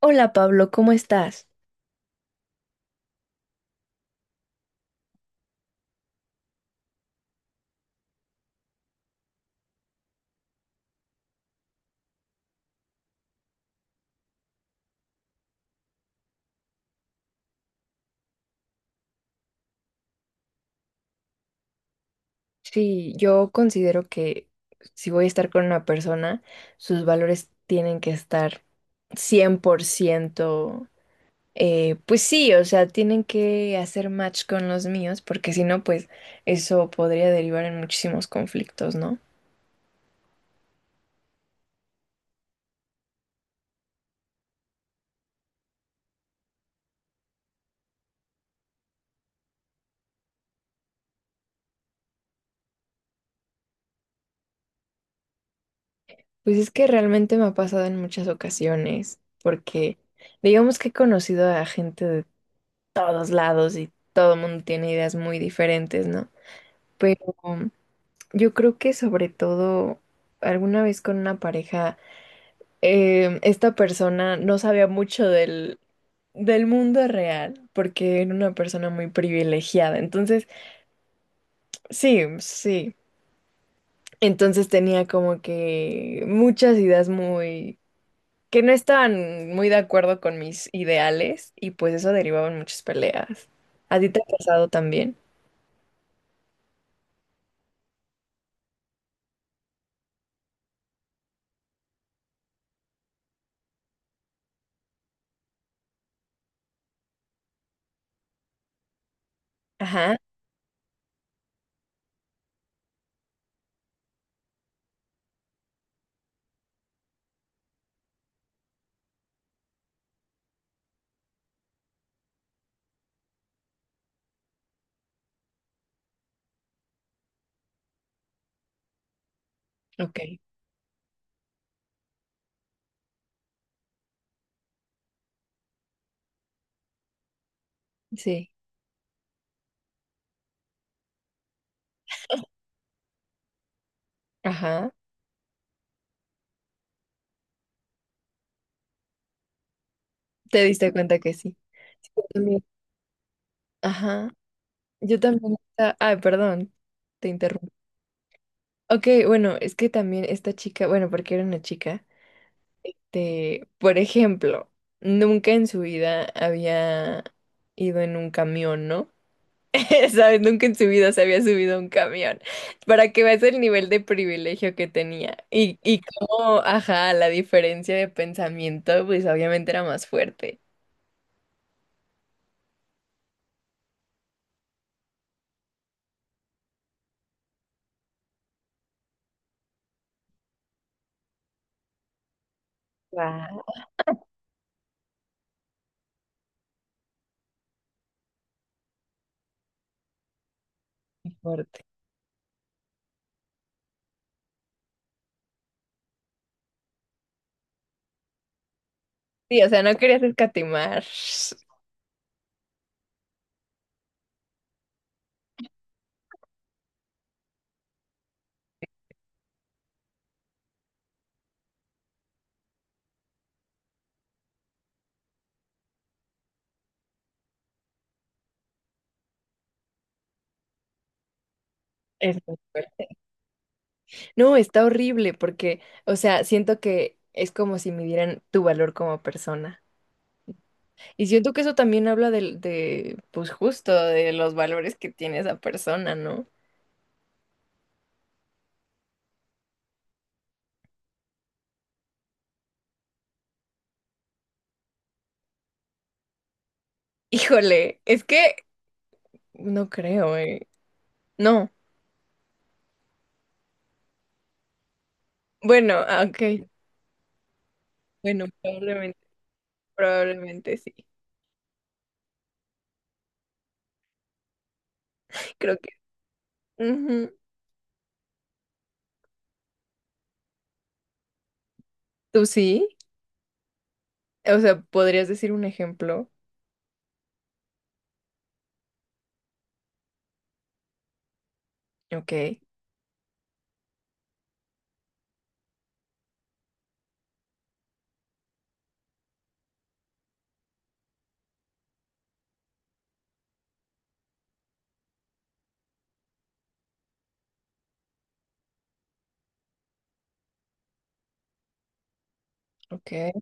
Hola Pablo, ¿cómo estás? Sí, yo considero que si voy a estar con una persona, sus valores tienen que estar 100%, pues sí, o sea, tienen que hacer match con los míos, porque si no, pues eso podría derivar en muchísimos conflictos, ¿no? Pues es que realmente me ha pasado en muchas ocasiones, porque digamos que he conocido a gente de todos lados y todo el mundo tiene ideas muy diferentes, ¿no? Pero yo creo que sobre todo alguna vez con una pareja, esta persona no sabía mucho del mundo real porque era una persona muy privilegiada. Entonces, sí, sí. Entonces tenía como que muchas ideas muy... que no estaban muy de acuerdo con mis ideales y pues eso derivaba en muchas peleas. ¿A ti te ha pasado también? Ajá, ok. Sí, ajá. ¿Te diste cuenta que sí? Sí, yo también. Ajá. Yo también. Ay, perdón, te interrumpo. Ok, bueno, es que también esta chica, bueno, porque era una chica, por ejemplo, nunca en su vida había ido en un camión, ¿no? ¿Sabes? Nunca en su vida se había subido a un camión. Para que veas el nivel de privilegio que tenía. Y cómo, ajá, la diferencia de pensamiento, pues obviamente era más fuerte. Wow. Fuerte. Sí, o sea, no querías escatimar. Eso. No, está horrible porque, o sea, siento que es como si midieran tu valor como persona. Y siento que eso también habla pues justo, de los valores que tiene esa persona, ¿no? Híjole, es que no creo, ¿eh? No. Bueno, ah, ok. Bueno, probablemente, probablemente sí. Creo que... ujú. ¿Tú sí? O sea, ¿podrías decir un ejemplo? Ok, ok.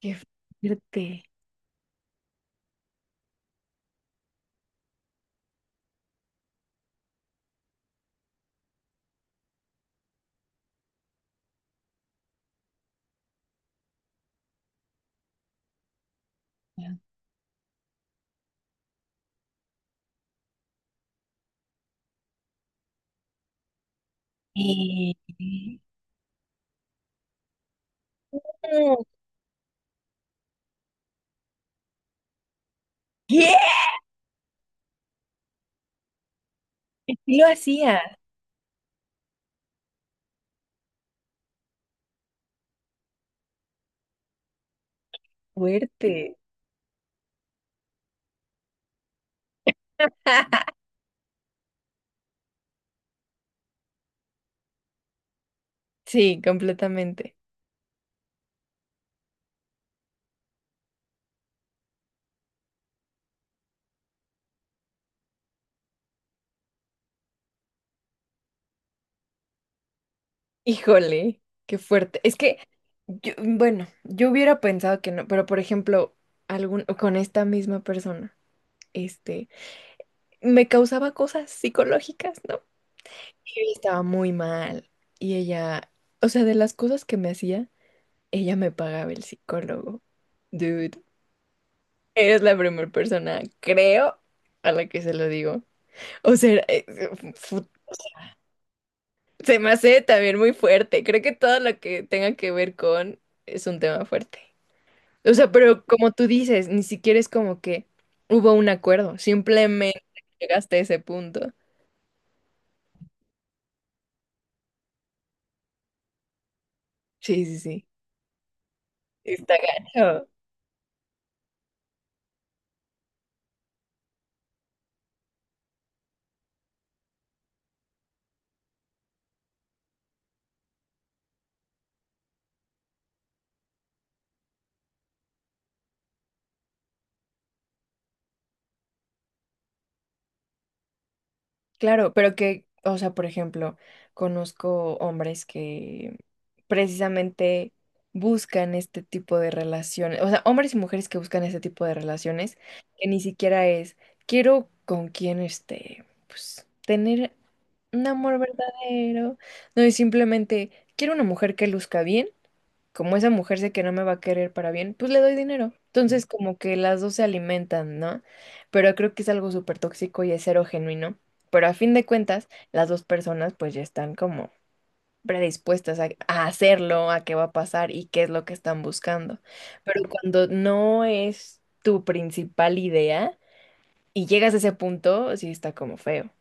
Qué fuerte. Y... no, ¿qué? ¿Sí lo hacía? Fuerte. Sí, completamente. Híjole, qué fuerte. Es que, bueno, yo hubiera pensado que no, pero por ejemplo, algún, con esta misma persona, este, me causaba cosas psicológicas, ¿no? Y yo estaba muy mal. Y ella, o sea, de las cosas que me hacía, ella me pagaba el psicólogo. Dude, eres la primera persona, creo, a la que se lo digo. O sea, se me hace también muy fuerte. Creo que todo lo que tenga que ver con es un tema fuerte. O sea, pero como tú dices, ni siquiera es como que hubo un acuerdo. Simplemente llegaste a ese punto. Sí, sí, sí. Está gacho. Claro, pero que, o sea, por ejemplo, conozco hombres que precisamente buscan este tipo de relaciones. O sea, hombres y mujeres que buscan este tipo de relaciones, que ni siquiera es, quiero con quién este pues tener un amor verdadero. No es simplemente, quiero una mujer que luzca bien. Como esa mujer sé que no me va a querer para bien, pues le doy dinero. Entonces, como que las dos se alimentan, ¿no? Pero creo que es algo súper tóxico y es cero genuino. Pero a fin de cuentas, las dos personas pues ya están como predispuestas a hacerlo, a qué va a pasar y qué es lo que están buscando. Pero cuando no es tu principal idea y llegas a ese punto, sí está como feo.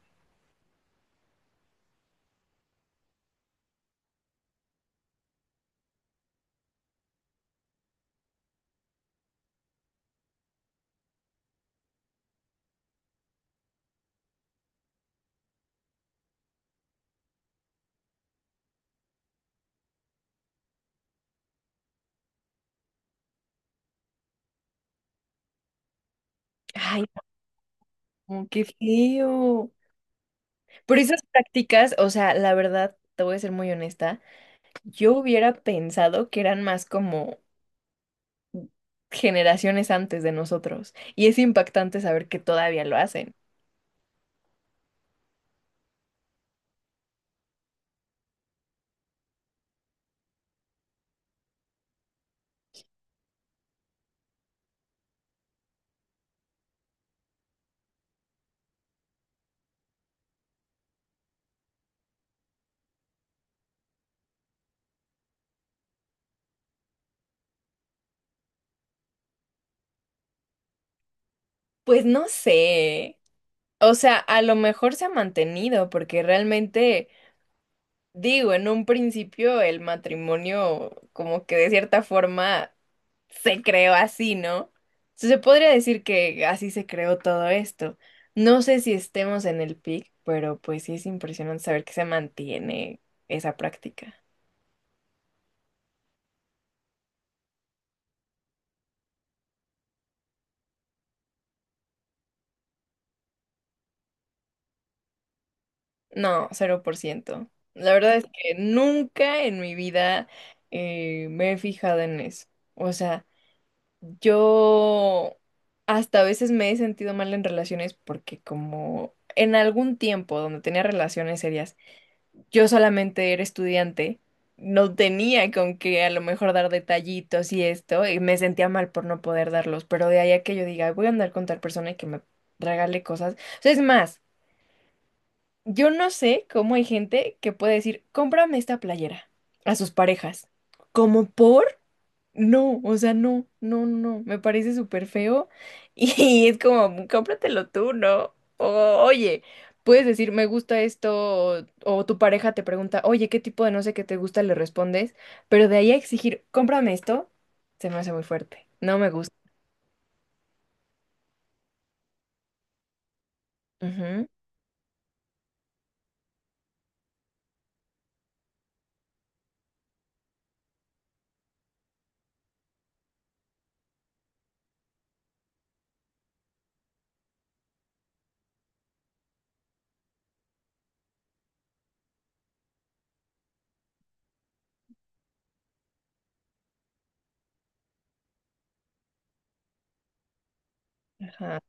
Ay, no, qué feo. Pero esas prácticas, o sea, la verdad, te voy a ser muy honesta, yo hubiera pensado que eran más como generaciones antes de nosotros. Y es impactante saber que todavía lo hacen. Pues no sé. O sea, a lo mejor se ha mantenido, porque realmente, digo, en un principio el matrimonio como que de cierta forma se creó así, ¿no? Se podría decir que así se creó todo esto. No sé si estemos en el pic, pero pues sí es impresionante saber que se mantiene esa práctica. No, cero por ciento. La verdad es que nunca en mi vida me he fijado en eso. O sea, yo hasta a veces me he sentido mal en relaciones porque como en algún tiempo donde tenía relaciones serias, yo solamente era estudiante, no tenía con qué a lo mejor dar detallitos y esto, y me sentía mal por no poder darlos, pero de ahí a que yo diga, "Ay, voy a andar con tal persona y que me regale cosas". O sea, es más, yo no sé cómo hay gente que puede decir, cómprame esta playera a sus parejas. ¿Como por? No, o sea, no, no, no, me parece súper feo y es como, cómpratelo tú, ¿no? O, oye, puedes decir, me gusta esto, o tu pareja te pregunta, oye, ¿qué tipo de no sé qué te gusta? Le respondes, pero de ahí a exigir, cómprame esto, se me hace muy fuerte, no me gusta. Ujú, ajá.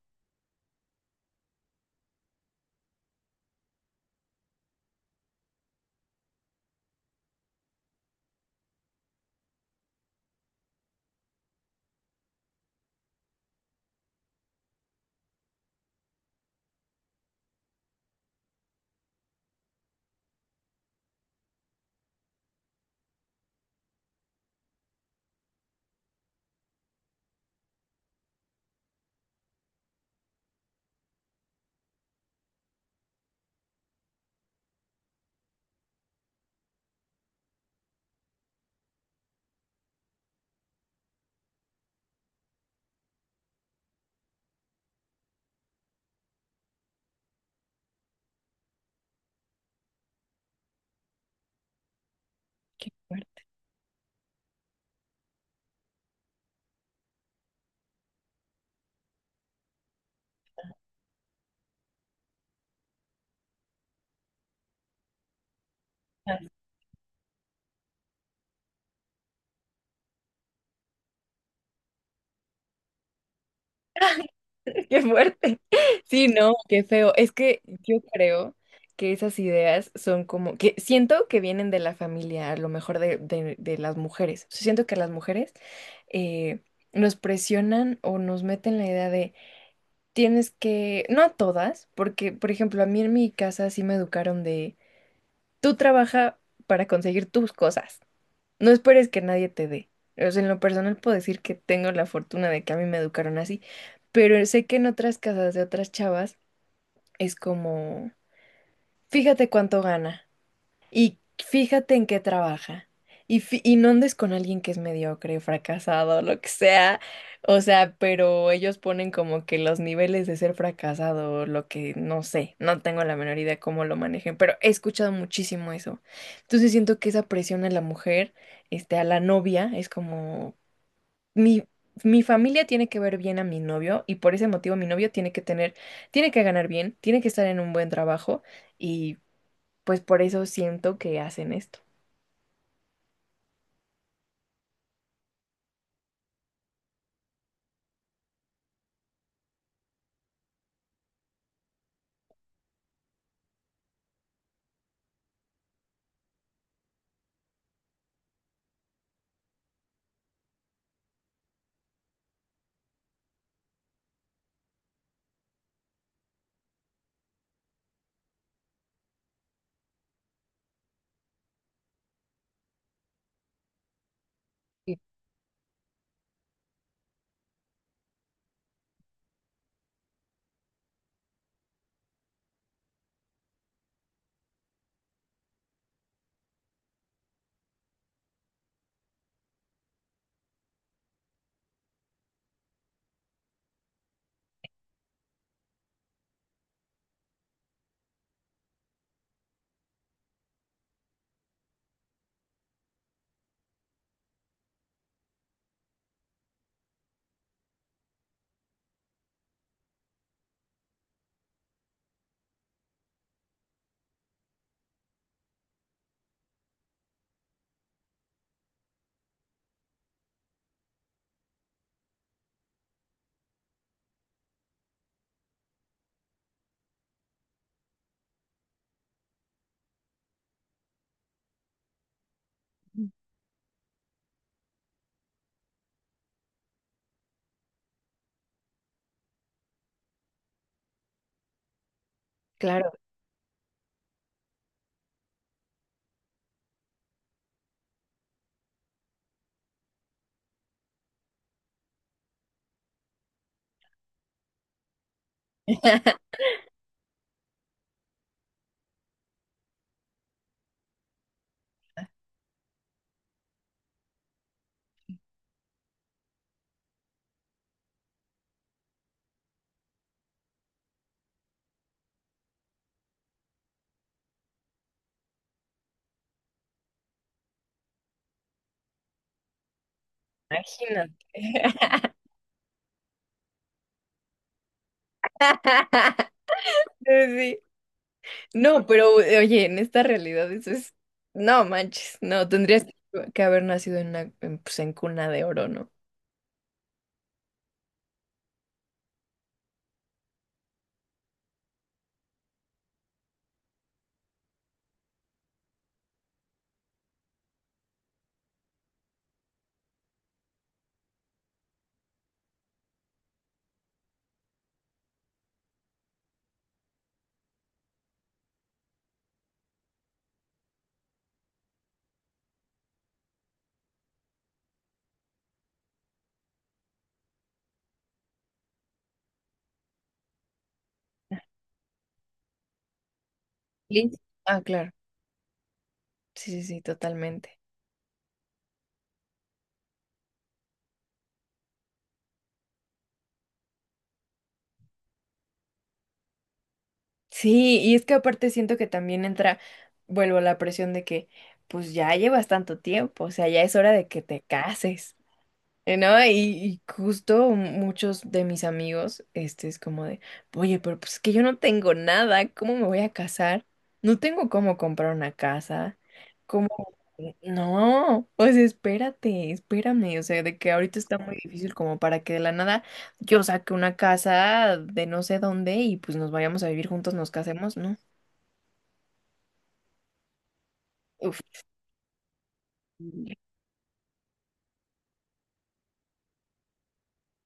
Qué fuerte. Qué fuerte. Sí, no, qué feo. Es que yo creo que esas ideas son como, que siento que vienen de la familia, a lo mejor de las mujeres. O sea, siento que las mujeres eh, nos presionan o nos meten la idea de tienes que, no a todas, porque, por ejemplo, a mí en mi casa sí me educaron de tú trabaja para conseguir tus cosas. No esperes que nadie te dé. O sea, en lo personal puedo decir que tengo la fortuna de que a mí me educaron así, pero sé que en otras casas de otras chavas es como, fíjate cuánto gana. Y fíjate en qué trabaja. Y y no andes con alguien que es mediocre, fracasado, lo que sea. O sea, pero ellos ponen como que los niveles de ser fracasado, lo que no sé, no tengo la menor idea cómo lo manejen, pero he escuchado muchísimo eso. Entonces siento que esa presión a la mujer, a la novia, es como mi, mi familia tiene que ver bien a mi novio y por ese motivo mi novio tiene que tener, tiene que ganar bien, tiene que estar en un buen trabajo y pues por eso siento que hacen esto. Sí, claro, imagínate. Sí. No, pero oye, en esta realidad eso es, no manches, no, tendrías que haber nacido en una, en, pues, en cuna de oro, ¿no? Sí, ah, claro, sí, sí, sí, totalmente. Sí, y es que aparte siento que también entra, vuelvo a la presión de que, pues ya llevas tanto tiempo, o sea, ya es hora de que te cases. ¿No? Y justo muchos de mis amigos, este es como de, oye, pero pues es que yo no tengo nada, ¿cómo me voy a casar? No tengo cómo comprar una casa, ¿cómo? No, pues espérate, espérame, o sea, de que ahorita está muy difícil como para que de la nada yo saque una casa de no sé dónde y pues nos vayamos a vivir juntos, nos casemos, ¿no? Uf,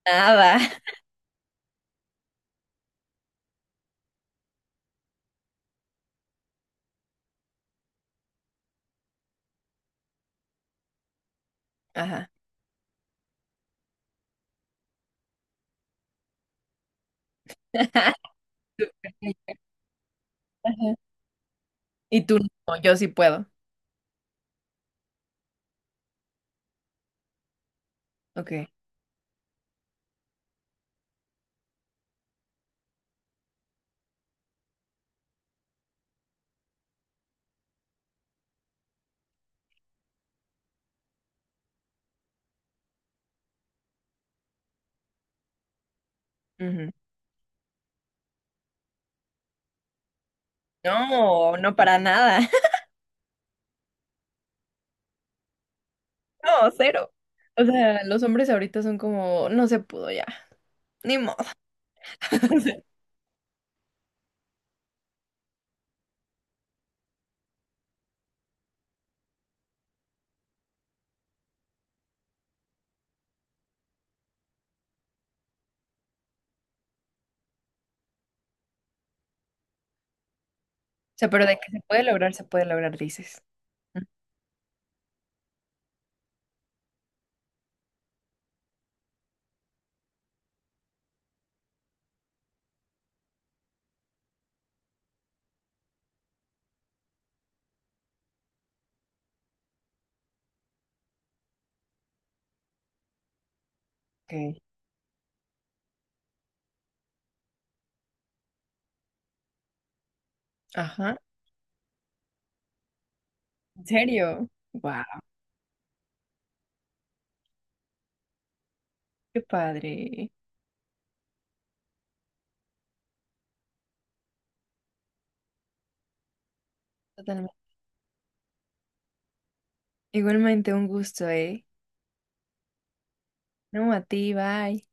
nada. Ajá. Ajá. Y tú no, yo sí puedo. Ok. No, no para nada. No, cero. O sea, los hombres ahorita son como, no se pudo ya, ni modo. O sea, pero de que se puede lograr, dices. Mm, ok. Ajá. ¿En serio? Wow, qué padre. Totalmente. Igualmente un gusto, ¿eh? No, a ti, bye.